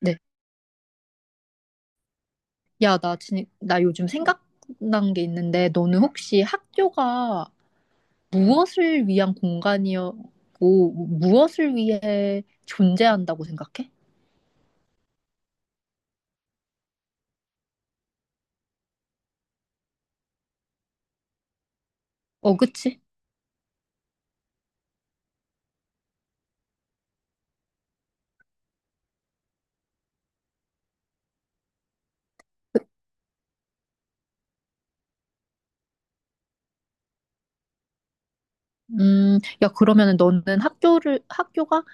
네. 야, 나 요즘 생각난 게 있는데, 너는 혹시 학교가 무엇을 위한 공간이었고, 무엇을 위해 존재한다고 생각해? 어, 그치? 야, 그러면은 너는 학교가,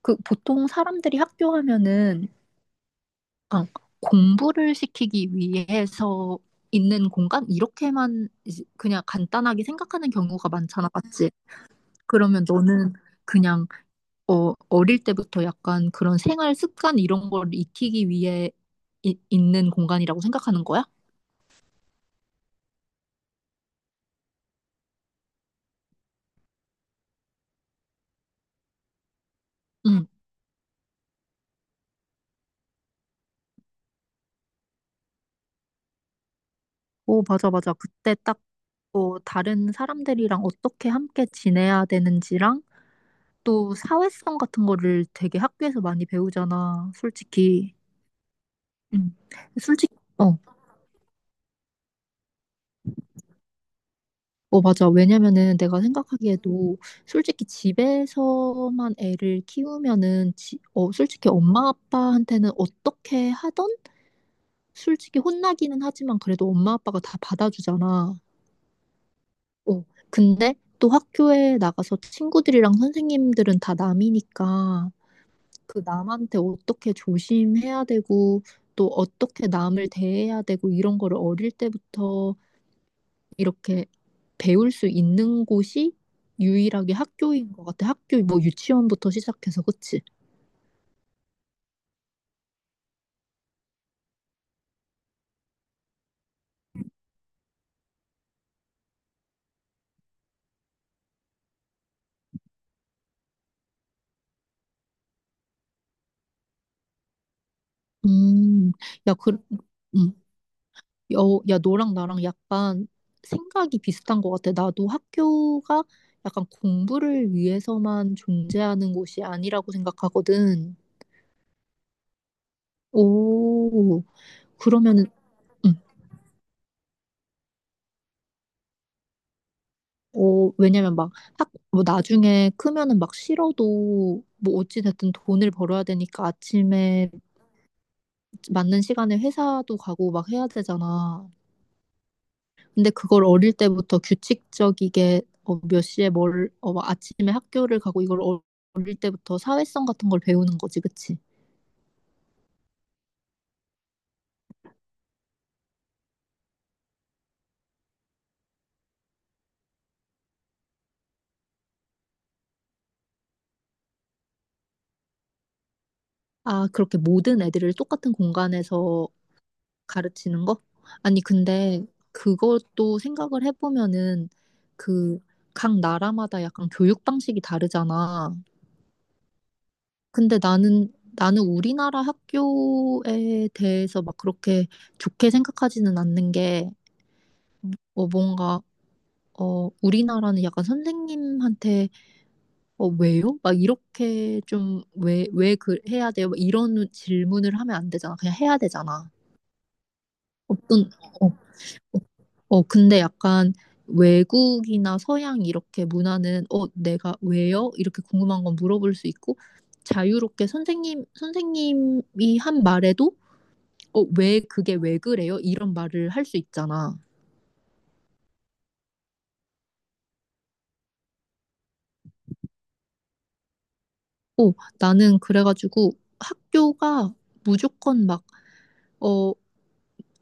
보통 사람들이 학교 하면은, 그냥 공부를 시키기 위해서 있는 공간? 이렇게만 이제 그냥 간단하게 생각하는 경우가 많잖아, 맞지? 그러면 너는 그냥 어릴 때부터 약간 그런 생활 습관 이런 걸 익히기 위해 있는 공간이라고 생각하는 거야? 응. 오, 맞아, 맞아. 다른 사람들이랑 어떻게 함께 지내야 되는지랑 또 사회성 같은 거를 되게 학교에서 많이 배우잖아, 솔직히. 응. 솔직히, 어, 맞아. 왜냐면은 내가 생각하기에도 솔직히 집에서만 애를 키우면은, 솔직히 엄마 아빠한테는 어떻게 하던 솔직히 혼나기는 하지만 그래도 엄마 아빠가 다 받아주잖아. 어, 근데 또 학교에 나가서 친구들이랑 선생님들은 다 남이니까 그 남한테 어떻게 조심해야 되고 또 어떻게 남을 대해야 되고 이런 거를 어릴 때부터 이렇게 배울 수 있는 곳이 유일하게 학교인 것 같아. 학교 뭐 유치원부터 시작해서 그치? 음, 야, 음. 야, 야, 너랑 나랑 약간 생각이 비슷한 것 같아. 나도 학교가 약간 공부를 위해서만 존재하는 곳이 아니라고 생각하거든. 오, 그러면은, 응. 어, 왜냐면 막 뭐 나중에 크면은 막 싫어도 뭐 어찌됐든 돈을 벌어야 되니까 아침에 맞는 시간에 회사도 가고 막 해야 되잖아. 근데 그걸 어릴 때부터 규칙적이게 어, 몇 시에 막 아침에 학교를 가고 어릴 때부터 사회성 같은 걸 배우는 거지, 그치? 아, 그렇게 모든 애들을 똑같은 공간에서 가르치는 거? 아니, 근데 그것도 생각을 해보면은 그 각 나라마다 약간 교육 방식이 다르잖아. 근데 나는 우리나라 학교에 대해서 막 그렇게 좋게 생각하지는 않는 게 뭔가 어, 우리나라는 약간 선생님한테, 어, 왜요? 막 이렇게 좀, 해야 돼요? 막 이런 질문을 하면 안 되잖아. 그냥 해야 되잖아. 어떤, 어, 어, 어, 근데 약간 외국이나 서양 이렇게 문화는, 어, 내가 왜요? 이렇게 궁금한 건 물어볼 수 있고, 자유롭게 선생님이 한 말에도, 어, 왜, 그게 왜 그래요? 이런 말을 할 수 있잖아. 어, 나는 그래가지고 학교가 무조건 막, 어,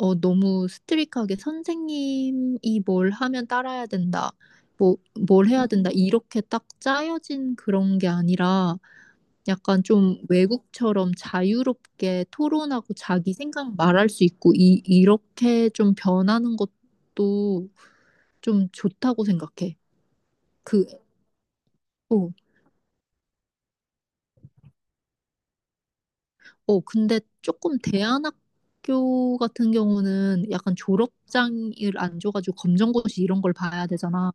어, 너무 스트릭하게 선생님이 뭘 하면 따라야 된다. 뭘 해야 된다. 이렇게 딱 짜여진 그런 게 아니라 약간 좀 외국처럼 자유롭게 토론하고 자기 생각 말할 수 있고 이렇게 좀 변하는 것도 좀 좋다고 생각해. 그, 어, 근데 조금 대안학교 같은 경우는 약간 졸업장을 안 줘가지고 검정고시 이런 걸 봐야 되잖아.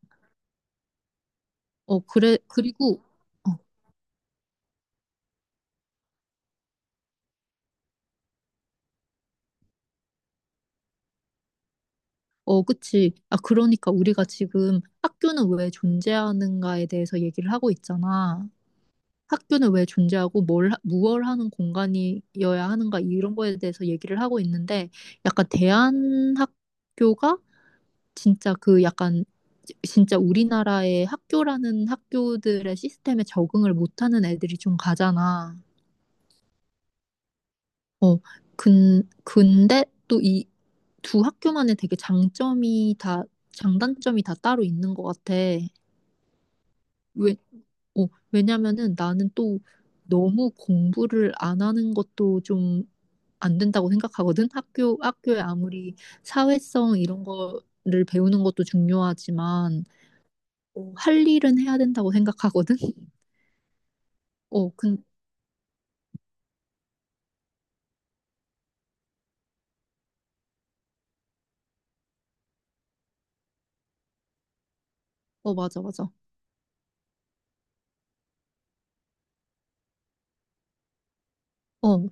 어, 그래, 그리고 어, 그치. 아, 그러니까 우리가 지금 학교는 왜 존재하는가에 대해서 얘기를 하고 있잖아. 학교는 왜 존재하고 무얼 하는 공간이어야 하는가 이런 거에 대해서 얘기를 하고 있는데 약간 대한학교가 진짜 그 약간 진짜 우리나라의 학교라는 학교들의 시스템에 적응을 못하는 애들이 좀 가잖아. 어, 근데 또 이 두 학교만의 되게 장단점이 다 따로 있는 것 같아. 왜, 어, 왜냐면은 나는 또 너무 공부를 안 하는 것도 좀 안 된다고 생각하거든. 학교에 아무리 사회성 이런 거를 배우는 것도 중요하지만, 어, 할 일은 해야 된다고 생각하거든. 어, 근, 어, 맞아, 맞아. 어,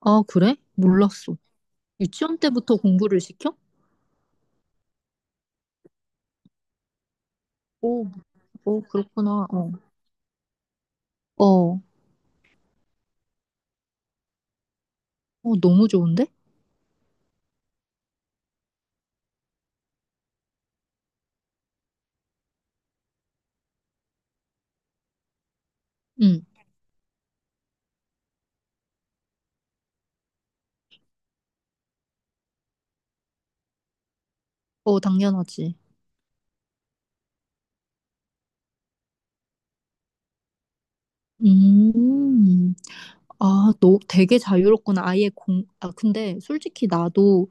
아, 그래? 몰랐어. 유치원 때부터 공부를 시켜? 오, 오, 그렇구나. 어. 어. 어, 너무 좋은데? 응. 어, 당연하지. 음. 아, 너 되게 자유롭구나. 아, 근데 솔직히 나도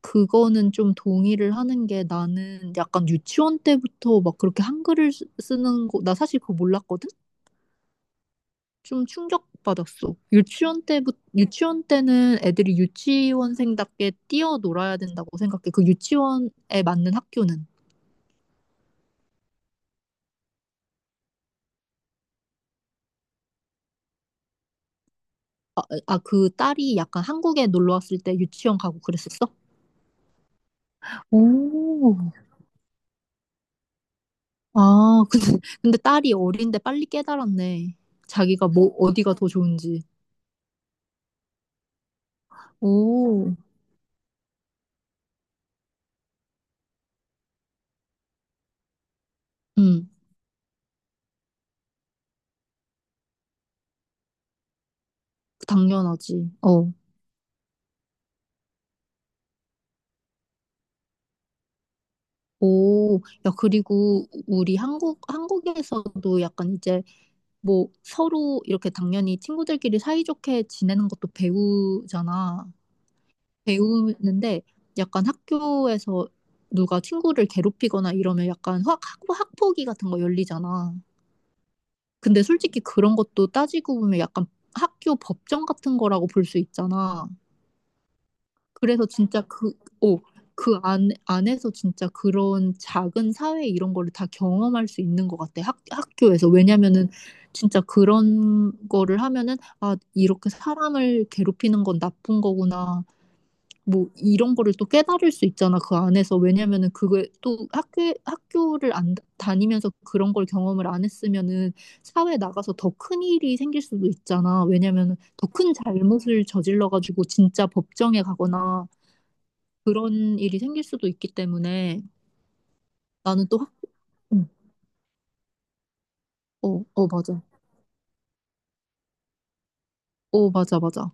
그거는 좀 동의를 하는 게 나는 약간 유치원 때부터 막 그렇게 한글을 쓰는 거, 나 사실 그거 몰랐거든? 좀 충격받았어. 유치원 때는 애들이 유치원생답게 뛰어놀아야 된다고 생각해. 그 유치원에 맞는 학교는. 아, 그 딸이 약간 한국에 놀러 왔을 때 유치원 가고 그랬었어? 오, 아, 근데 딸이 어린데 빨리 깨달았네. 자기가 뭐, 어디가 더 좋은지. 오, 응, 당연하지. 어. 오, 야, 그리고 우리 한국에서도 약간 이제 뭐 서로 이렇게 당연히 친구들끼리 사이좋게 지내는 것도 배우잖아. 배우는데 약간 학교에서 누가 친구를 괴롭히거나 이러면 약간 학폭위 같은 거 열리잖아. 근데 솔직히 그런 것도 따지고 보면 약간 학교 법정 같은 거라고 볼 수 있잖아. 그래서 진짜 그, 어, 그 안, 안에서 진짜 그런 작은 사회 이런 거를 다 경험할 수 있는 것 같아. 학교에서. 왜냐면은 진짜 그런 거를 하면은 아, 이렇게 사람을 괴롭히는 건 나쁜 거구나. 뭐 이런 거를 또 깨달을 수 있잖아 그 안에서 왜냐면은 그게 또 학교를 안 다- 다니면서 그런 걸 경험을 안 했으면은 사회 나가서 더 큰 일이 생길 수도 있잖아 왜냐면은 더 큰 잘못을 저질러 가지고 진짜 법정에 가거나 그런 일이 생길 수도 있기 때문에 나는 또 학, 응. 어, 어 맞아 맞아, 맞아.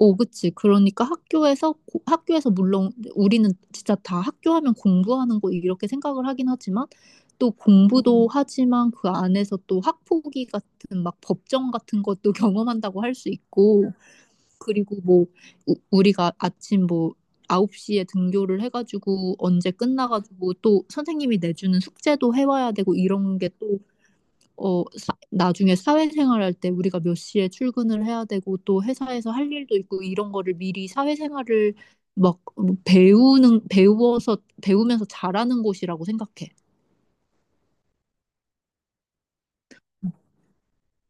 오, 그치. 그러니까 학교에서 물론 우리는 진짜 다 학교 하면 공부하는 거 이렇게 생각을 하긴 하지만 또 공부도 하지만 그 안에서 또 학폭위 같은 막 법정 같은 것도 경험한다고 할 수 있고 그리고 우리가 아침 뭐 9시에 등교를 해가지고 언제 끝나가지고 또 선생님이 내주는 숙제도 해와야 되고 이런 게또 나중에 사회생활할 때 우리가 몇 시에 출근을 해야 되고 또 회사에서 할 일도 있고 이런 거를 미리 사회생활을 배우면서 잘하는 곳이라고 생각해.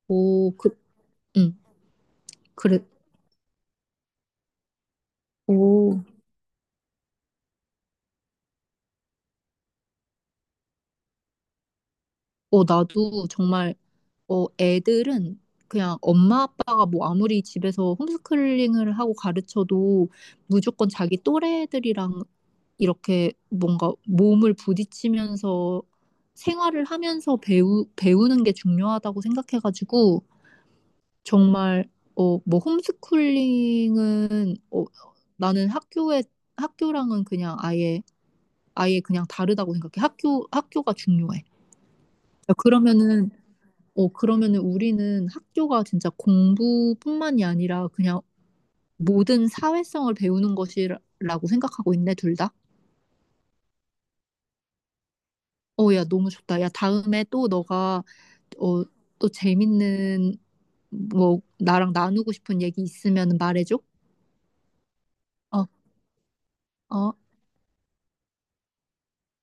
오, 그, 응, 그래. 오, 어, 나도 정말, 어, 애들은 그냥 엄마 아빠가 뭐 아무리 집에서 홈스쿨링을 하고 가르쳐도 무조건 자기 또래들이랑 이렇게 뭔가 몸을 부딪히면서 생활을 하면서 배우는 게 중요하다고 생각해가지고 정말 어, 뭐 홈스쿨링은 어, 나는 학교에 학교랑은 그냥 아예 아예 그냥 다르다고 생각해. 학교가 중요해. 그러면은 그러면은 우리는 학교가 진짜 공부뿐만이 아니라 그냥 모든 사회성을 배우는 것이라고 생각하고 있네, 둘 다. 어, 야, 너무 좋다. 야, 다음에 또 너가, 어, 또 재밌는, 뭐, 나랑 나누고 싶은 얘기 있으면 말해줘. 어, 어.